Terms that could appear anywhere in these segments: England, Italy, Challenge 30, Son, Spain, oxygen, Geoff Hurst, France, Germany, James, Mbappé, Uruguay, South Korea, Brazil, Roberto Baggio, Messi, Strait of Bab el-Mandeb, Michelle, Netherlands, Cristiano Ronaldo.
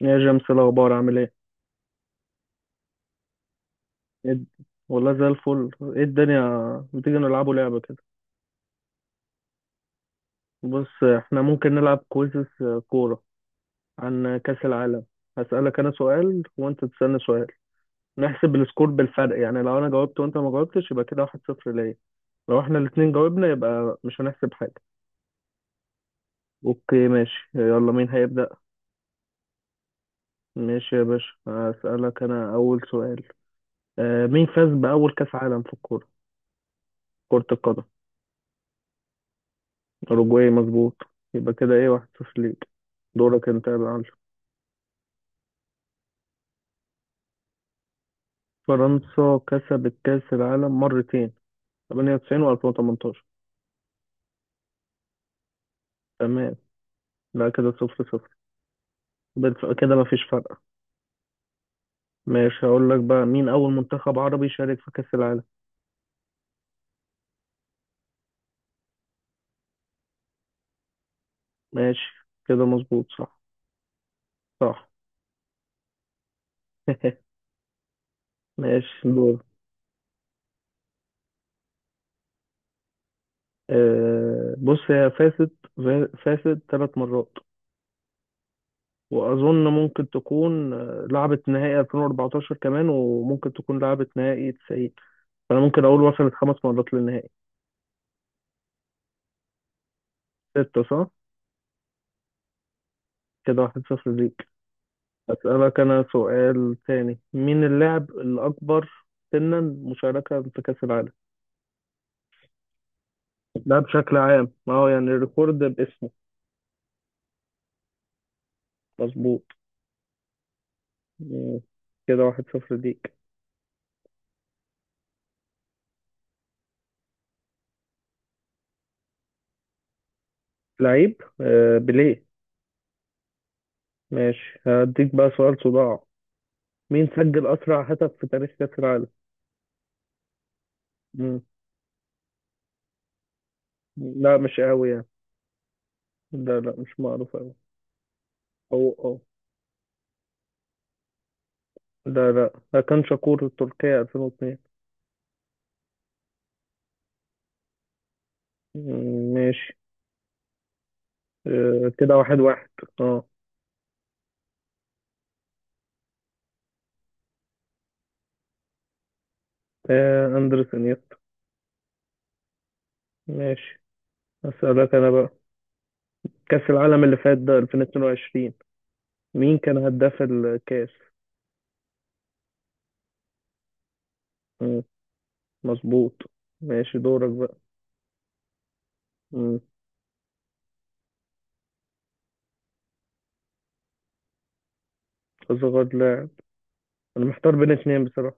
يا جيمس، إيه الأخبار؟ عامل إيه؟ إيه الد- والله زي الفل، إيه الدنيا؟ بتيجي نلعبوا لعبة كده. بص، إحنا ممكن نلعب كويزز كورة عن كأس العالم. هسألك أنا سؤال وأنت تسألني سؤال، نحسب السكور بالفرق، يعني لو أنا جاوبت وأنت ما جاوبتش يبقى كده واحد صفر ليا، لو إحنا الاتنين جاوبنا يبقى مش هنحسب حاجة. أوكي ماشي، يلا مين هيبدأ؟ ماشي يا باشا، هسألك أنا أول سؤال. مين فاز بأول كأس عالم في الكورة؟ كرة القدم؟ أوروجواي، مظبوط. يبقى كده إيه، واحد صفر ليك. دورك أنت يا معلم. فرنسا كسبت كأس العالم مرتين، 98 و 2018. تمام. لا كده صفر صفر. كده مفيش فرق. ماشي، هقول لك بقى مين أول منتخب عربي شارك في كأس العالم. ماشي كده، مظبوط صح. صح. ماشي، دور. آه بص، هي فازت، فازت ثلاث مرات، وأظن ممكن تكون لعبت نهائي 2014 كمان، وممكن تكون لعبت نهائي تسعين. فأنا ممكن أقول وصلت خمس مرات للنهائي. ستة صح؟ كده واحد صفر ليك. أسألك أنا سؤال تاني، مين اللاعب الأكبر سنا مشاركة في كأس العالم؟ ده بشكل عام، ما هو يعني الريكورد باسمه. مظبوط. مم. كده واحد صفر ليك. لعيب، آه بيليه. ماشي، هديك بقى سؤال صداع. مين سجل أسرع هدف في تاريخ كأس العالم؟ مم. لا مش قوي يعني. لا مش معروف قوي. أو، لا لا، ده كان شاكور التركية 2002. مم، ماشي. كده واحد واحد. اه. أندرس إنيستا. ماشي، أسألك أنا بقى. كأس العالم اللي فات ده 2022، مين كان هداف الكأس؟ مم، مظبوط. ماشي، دورك بقى. مم، أصغر لاعب، أنا محتار بين اتنين بصراحة.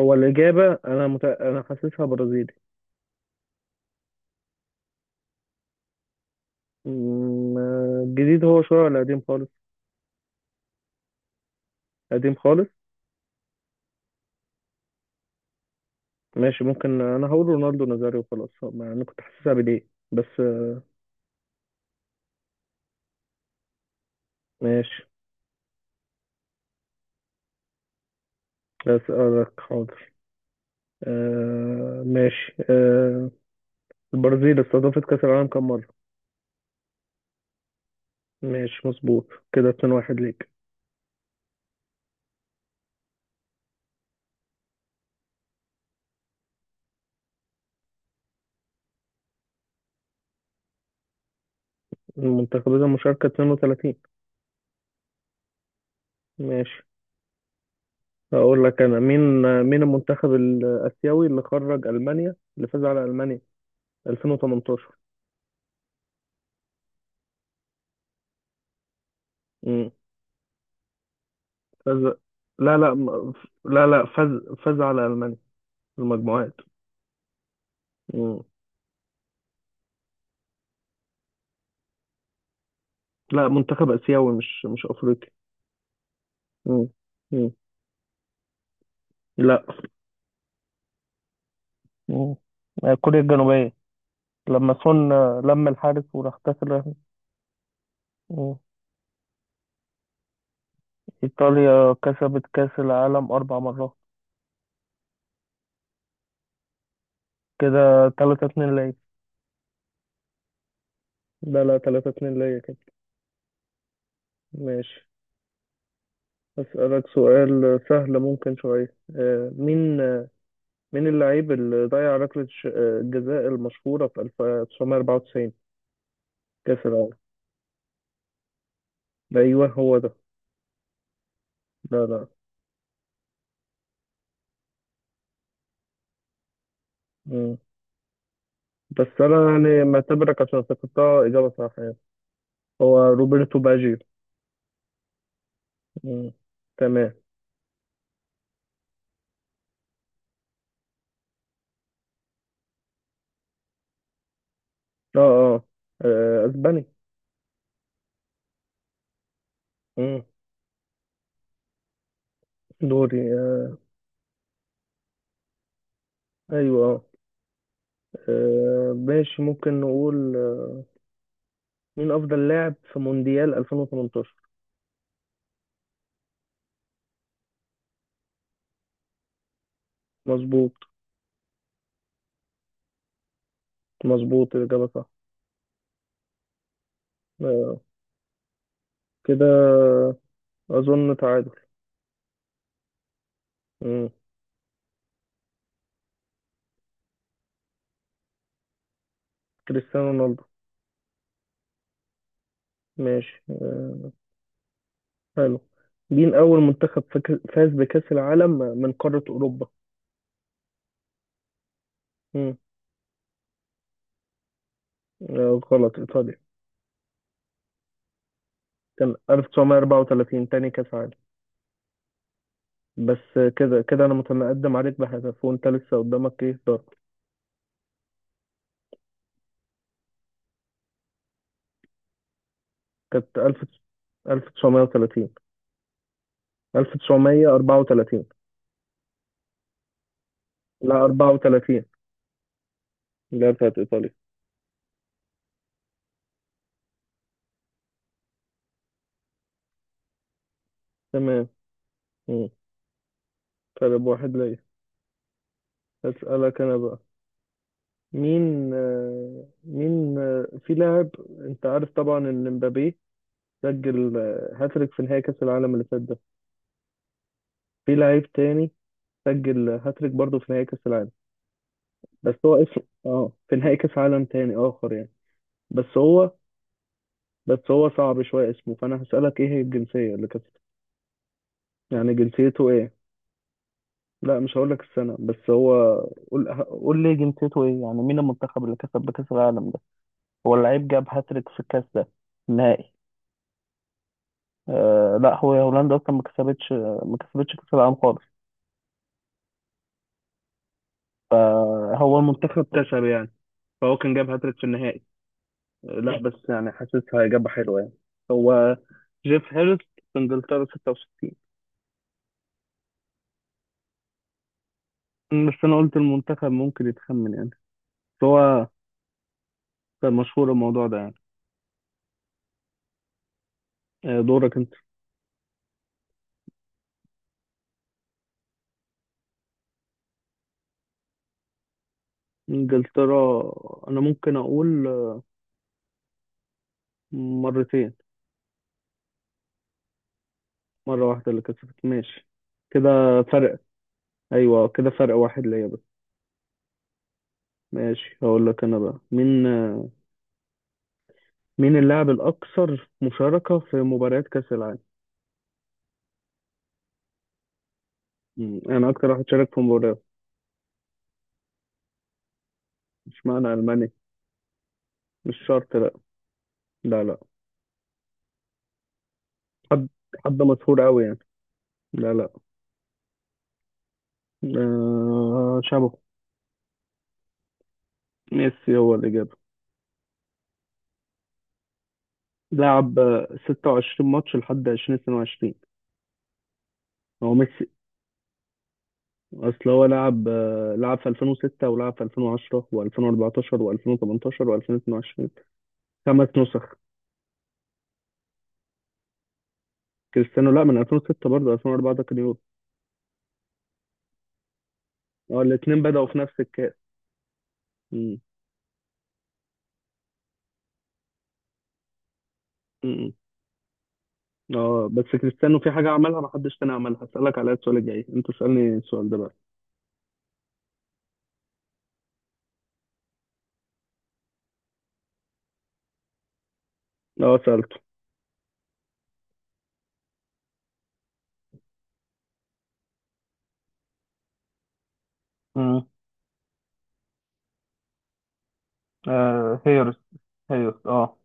هو الإجابة أنا مت... أنا حاسسها برازيلي. مم، الجديد هو شوية ولا قديم خالص؟ قديم خالص. ماشي، ممكن أنا هقول رونالدو نازاريو، وخلاص أنا كنت حاسسها بليه. بس آه، ماشي، أسألك حاضر. ماشي, البرازيل استضافت كأس العالم كم مرة؟ ماشي مظبوط، كده 2-1 ليك. المنتخبات المشاركة 32. ماشي، هقول لك أنا مين. مين المنتخب الآسيوي اللي خرج ألمانيا، اللي فاز على ألمانيا 2018؟ امم، فاز، لا لا م- لا لا، فاز، فاز على ألمانيا في المجموعات. امم، لا منتخب آسيوي، مش مش أفريقي. امم، امم، لا، امم، كوريا الجنوبية، لما سون لم الحارس وراح كسر. مم. إيطاليا كسبت كأس العالم أربع مرات. كده تلاتة اتنين ليا. لا لا، تلاتة اتنين ليا كده. ماشي، أسألك سؤال سهل ممكن شوية. مين اللاعب اللي ضيع ركلة الجزاء المشهورة في 1994 كأس العالم؟ أيوه هو ده. لا لا. مم. بس أنا يعني معتبرك، عشان افتكرتها إجابة صح يعني. هو روبرتو باجيو. مم. تمام. اه اه، اسباني. مم. دوري، ايوه. ماشي، ممكن نقول، مين افضل لاعب في مونديال 2018؟ مظبوط. مظبوط، الاجابه صح. آه، كده اظن تعادل. مم. كريستيانو رونالدو. ماشي، حلو. مين اول منتخب فاز بكاس العالم من قاره اوروبا؟ مم. غلط، ايطاليا. كان 1934، تاني كاس عالم. بس آه، كده كده انا متقدم عليك بهدف، وانت لسه قدامك ايه، ضرب. كانت 1000، 1930، 1934. لا 34، اللي هي بتاعت إيطاليا. تمام. مم. فرق بواحد ليا. أسألك أنا بقى، مين في لاعب، أنت عارف طبعا إن مبابي سجل هاتريك في نهائي كأس العالم اللي فات ده. في لاعب تاني سجل هاتريك برضه في نهائي كأس العالم، بس هو اسمه اه في نهائي كأس عالم تاني آخر يعني. بس هو بس هو صعب شوية اسمه، فأنا هسألك إيه هي الجنسية اللي كانت، يعني جنسيته إيه. لا مش هقول لك السنة، بس هو قول لي جنسيته ايه، يعني مين المنتخب اللي كسب بكأس العالم ده. هو اللعيب جاب هاتريك في الكأس ده، النهائي. لا، هو هولندا اصلا ما كسبتش، ما كسبتش كأس العالم خالص. فهو المنتخب كسب يعني، فهو كان جاب هاتريك في النهائي. لا، بس يعني حاسسها إجابة حلوة يعني. هو جيف هيرس، في انجلترا 66. بس انا قلت المنتخب ممكن يتخمن يعني، بس هو كان مشهور الموضوع ده يعني. دورك انت. انجلترا، انا ممكن اقول مرتين. مرة واحدة اللي كسبت، ماشي. كده فرق، أيوة كده فرق واحد ليا بس. ماشي، هقول لك أنا بقى، مين مين اللاعب الأكثر مشاركة في مباريات كأس العالم؟ مم، أنا أكتر واحد شارك في مباريات. مش معنى ألماني، مش شرط، لأ. لا لا، حد، حد مشهور أوي يعني. لا لا. آه شابو. ميسي هو الإجابة. لعب 26 ماتش لحد 2022. هو ميسي. اصل هو لعب لعب في 2006، ولعب في 2010 و2014 و2018 و2022. خمس نسخ. كريستيانو، لا، من 2006 برضه، 2004 ده كان يورو. اه الاثنين بدأوا في نفس الكاس. مم. مم. اه بس كريستيانو في حاجة عملها محدش تاني عملها، هسألك عليها السؤال الجاي، انت اسألني السؤال ده بقى. اه سألته. امم، آه هيرس. هيرس، اه.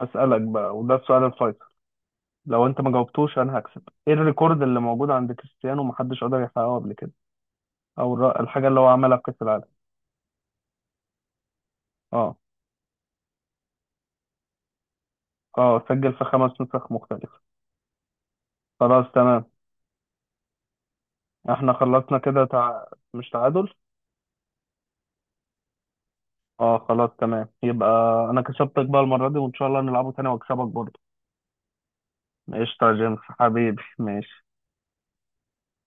اسالك بقى، وده السؤال الفيصل، لو انت ما جاوبتوش انا هكسب. ايه الريكورد اللي موجود عند كريستيانو، محدش قدر يحققه قبل كده، الحاجه اللي هو عملها في كاس العالم؟ اه اه، سجل في خمس نسخ مختلفة. خلاص تمام. احنا خلصنا كده، مش تعادل. اه خلاص تمام، يبقى انا كسبتك بقى المرة دي، وان شاء الله نلعبه تاني واكسبك برضه. قشطة يا جيمس حبيبي، ماشي.